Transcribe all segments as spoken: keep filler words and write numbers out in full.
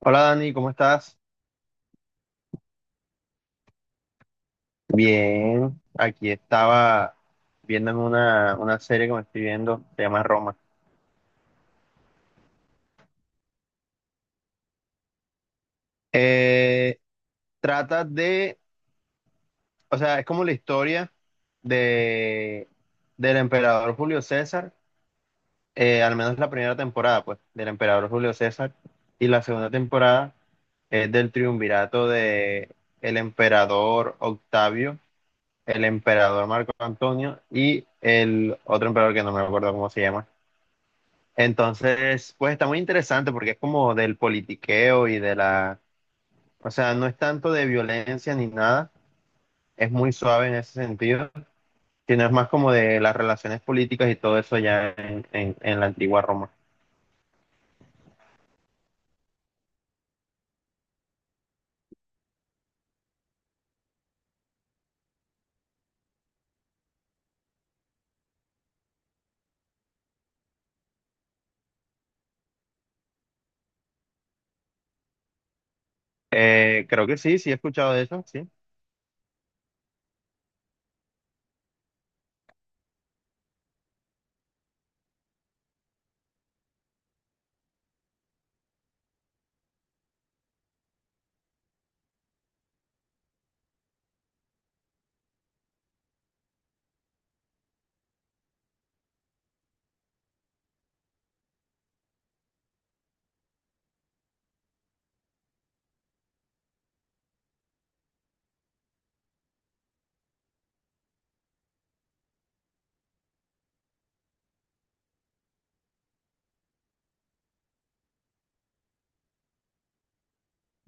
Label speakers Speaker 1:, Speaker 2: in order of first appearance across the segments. Speaker 1: Hola Dani, ¿cómo estás? Bien, aquí estaba viéndome una, una serie que me estoy viendo, se llama Roma. Eh, Trata de, o sea, es como la historia de, del emperador Julio César, eh, al menos la primera temporada, pues, del emperador Julio César, y la segunda temporada es del triunvirato de el emperador Octavio, el emperador Marco Antonio y el otro emperador que no me acuerdo cómo se llama. Entonces, pues está muy interesante porque es como del politiqueo y de la, o sea, no es tanto de violencia ni nada, es muy suave en ese sentido, sino es más como de las relaciones políticas y todo eso ya en, en- en la antigua Roma. Eh, creo que sí, sí he escuchado de eso, sí.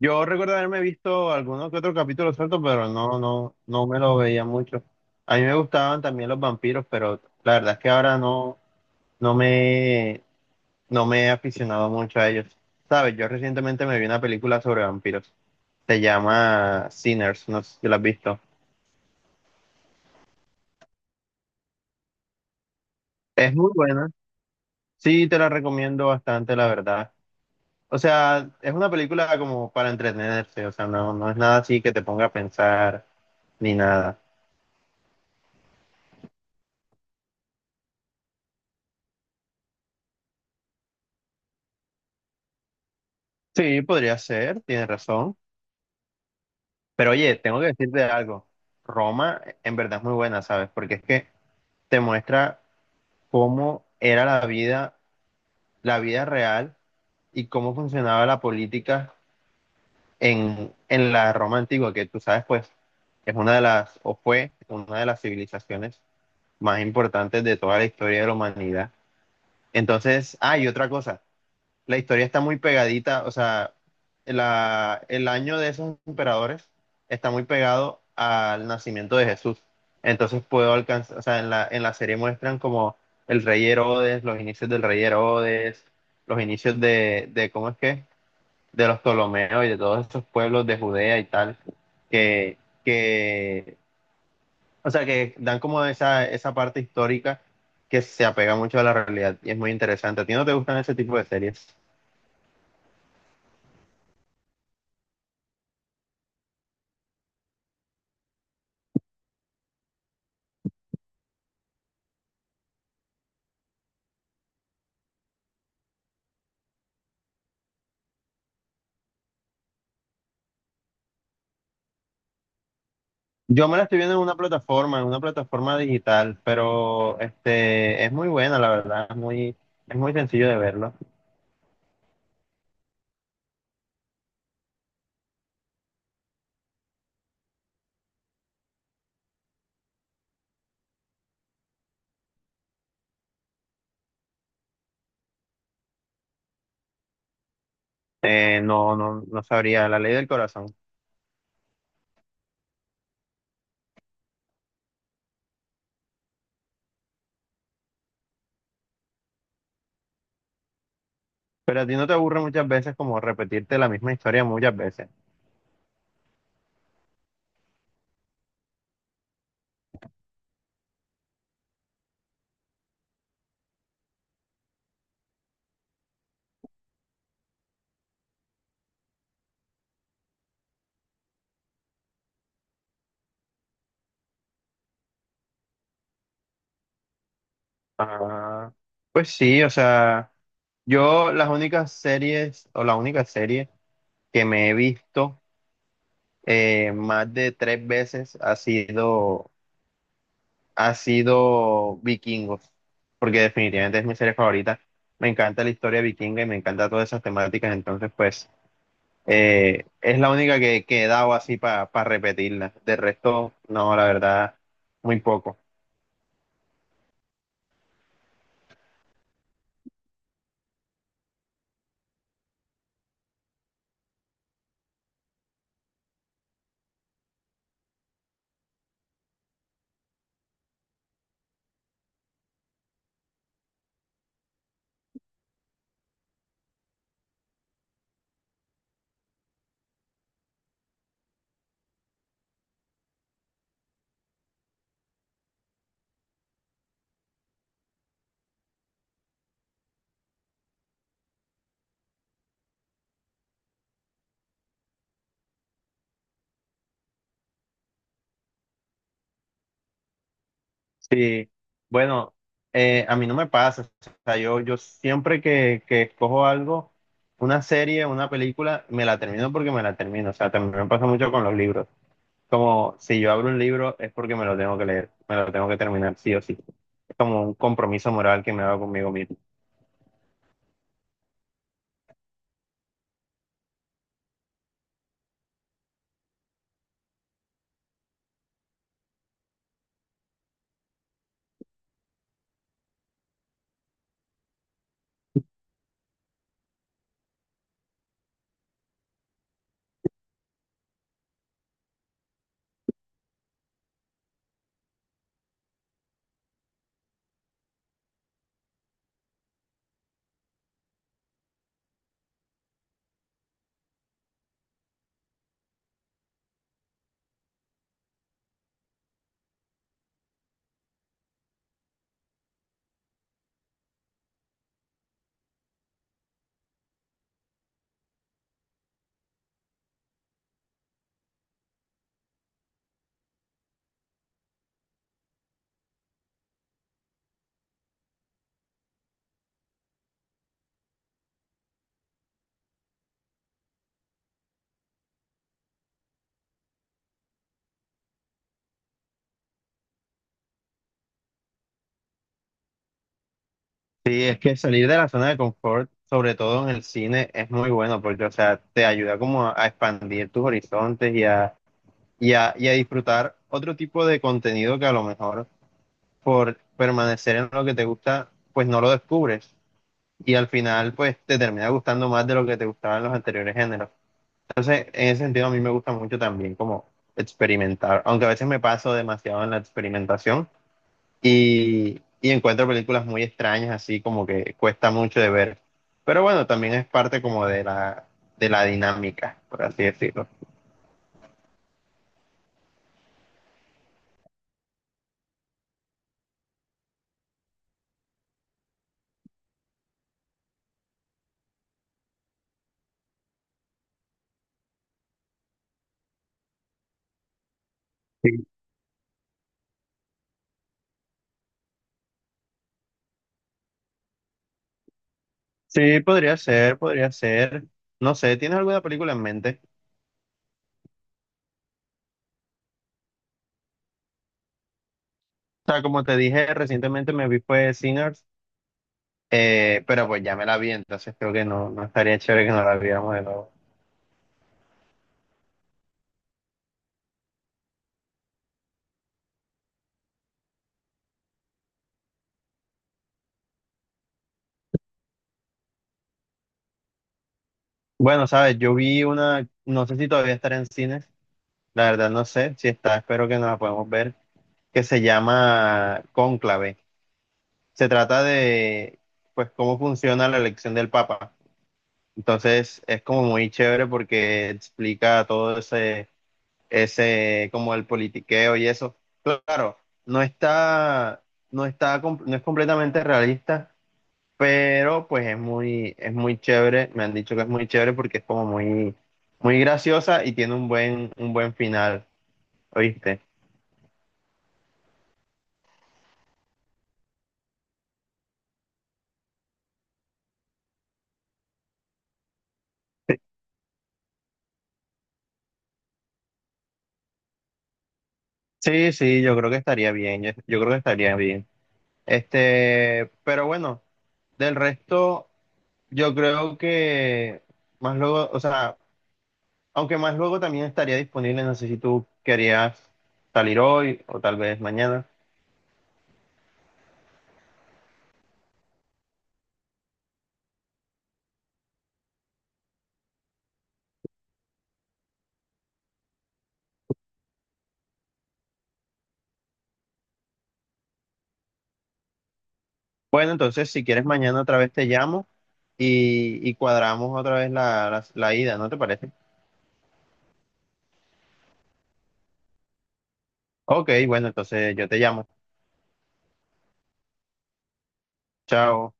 Speaker 1: Yo recuerdo haberme visto algunos que otro capítulo suelto, pero no, no, no me lo veía mucho. A mí me gustaban también los vampiros, pero la verdad es que ahora no, no me, no me he aficionado mucho a ellos. Sabes, yo recientemente me vi una película sobre vampiros. Se llama Sinners, no sé si la has visto. Es muy buena. Sí, te la recomiendo bastante, la verdad. O sea, es una película como para entretenerse, o sea, no, no es nada así que te ponga a pensar ni nada. Sí, podría ser, tienes razón. Pero oye, tengo que decirte algo. Roma en verdad es muy buena, ¿sabes? Porque es que te muestra cómo era la vida la vida real y cómo funcionaba la política en, en la Roma antigua, que tú sabes, pues es una de las, o fue una de las civilizaciones más importantes de toda la historia de la humanidad. Entonces, hay otra cosa, la historia está muy pegadita, o sea, la- el año de esos emperadores está muy pegado al nacimiento de Jesús. Entonces puedo alcanzar, o sea, en la, en la serie muestran como el rey Herodes, los inicios del rey Herodes, los inicios de, de ¿cómo es que? De los Ptolomeos y de todos esos pueblos de Judea y tal, que, que, o sea, que dan como esa, esa parte histórica que se apega mucho a la realidad y es muy interesante. ¿A ti no te gustan ese tipo de series? Yo me la estoy viendo en una plataforma, en una plataforma digital, pero este es muy buena, la verdad, es muy, es muy sencillo de verlo. Eh, no, no, no sabría, la ley del corazón. Pero a ti no te aburre muchas veces como repetirte la misma historia muchas veces. Ah, pues sí, o sea, yo las únicas series o la única serie que me he visto eh, más de tres veces ha sido ha sido Vikingos, porque definitivamente es mi serie favorita. Me encanta la historia vikinga y me encanta todas esas temáticas, entonces pues eh, es la única que, que he dado así para repetirla. De resto, no, la verdad, muy poco. Sí, bueno, eh, a mí no me pasa. O sea, yo, yo siempre que, que escojo algo, una serie, una película, me la termino porque me la termino. O sea, también me pasa mucho con los libros. Como si yo abro un libro es porque me lo tengo que leer, me lo tengo que terminar, sí o sí. Como un compromiso moral que me hago conmigo mismo. Sí, es que salir de la zona de confort, sobre todo en el cine, es muy bueno porque, o sea, te ayuda como a, a expandir tus horizontes y a, y a, y a disfrutar otro tipo de contenido que a lo mejor por permanecer en lo que te gusta, pues no lo descubres. Y al final, pues te termina gustando más de lo que te gustaban los anteriores géneros. Entonces, en ese sentido, a mí me gusta mucho también como experimentar, aunque a veces me paso demasiado en la experimentación y, y encuentro películas muy extrañas, así como que cuesta mucho de ver. Pero bueno, también es parte como de la, de la dinámica, por así decirlo. Sí. Sí, podría ser, podría ser. No sé, ¿tienes alguna película en mente? O sea, como te dije, recientemente me vi fue Sinners, eh, pero pues ya me la vi, entonces creo que no, no estaría chévere que no la viéramos de nuevo. Bueno, sabes, yo vi una, no sé si todavía estará en cines, la verdad no sé si está, espero que nos la podamos ver, que se llama Cónclave. Se trata de, pues, cómo funciona la elección del Papa. Entonces, es como muy chévere porque explica todo ese, ese, como el politiqueo y eso. Claro, no está, no está, com- no es completamente realista, pero pues es muy, es muy chévere. Me han dicho que es muy chévere porque es como muy, muy graciosa y tiene un buen, un buen final, ¿oíste? Sí, sí, yo creo que estaría bien, yo yo creo que estaría bien. Este, pero bueno, del resto, yo creo que más luego, o sea, aunque más luego también estaría disponible, no sé si tú querías salir hoy o tal vez mañana. Bueno, entonces si quieres mañana otra vez te llamo y, y cuadramos otra vez la, la la ida, ¿no te parece? Ok, bueno, entonces yo te llamo. Chao.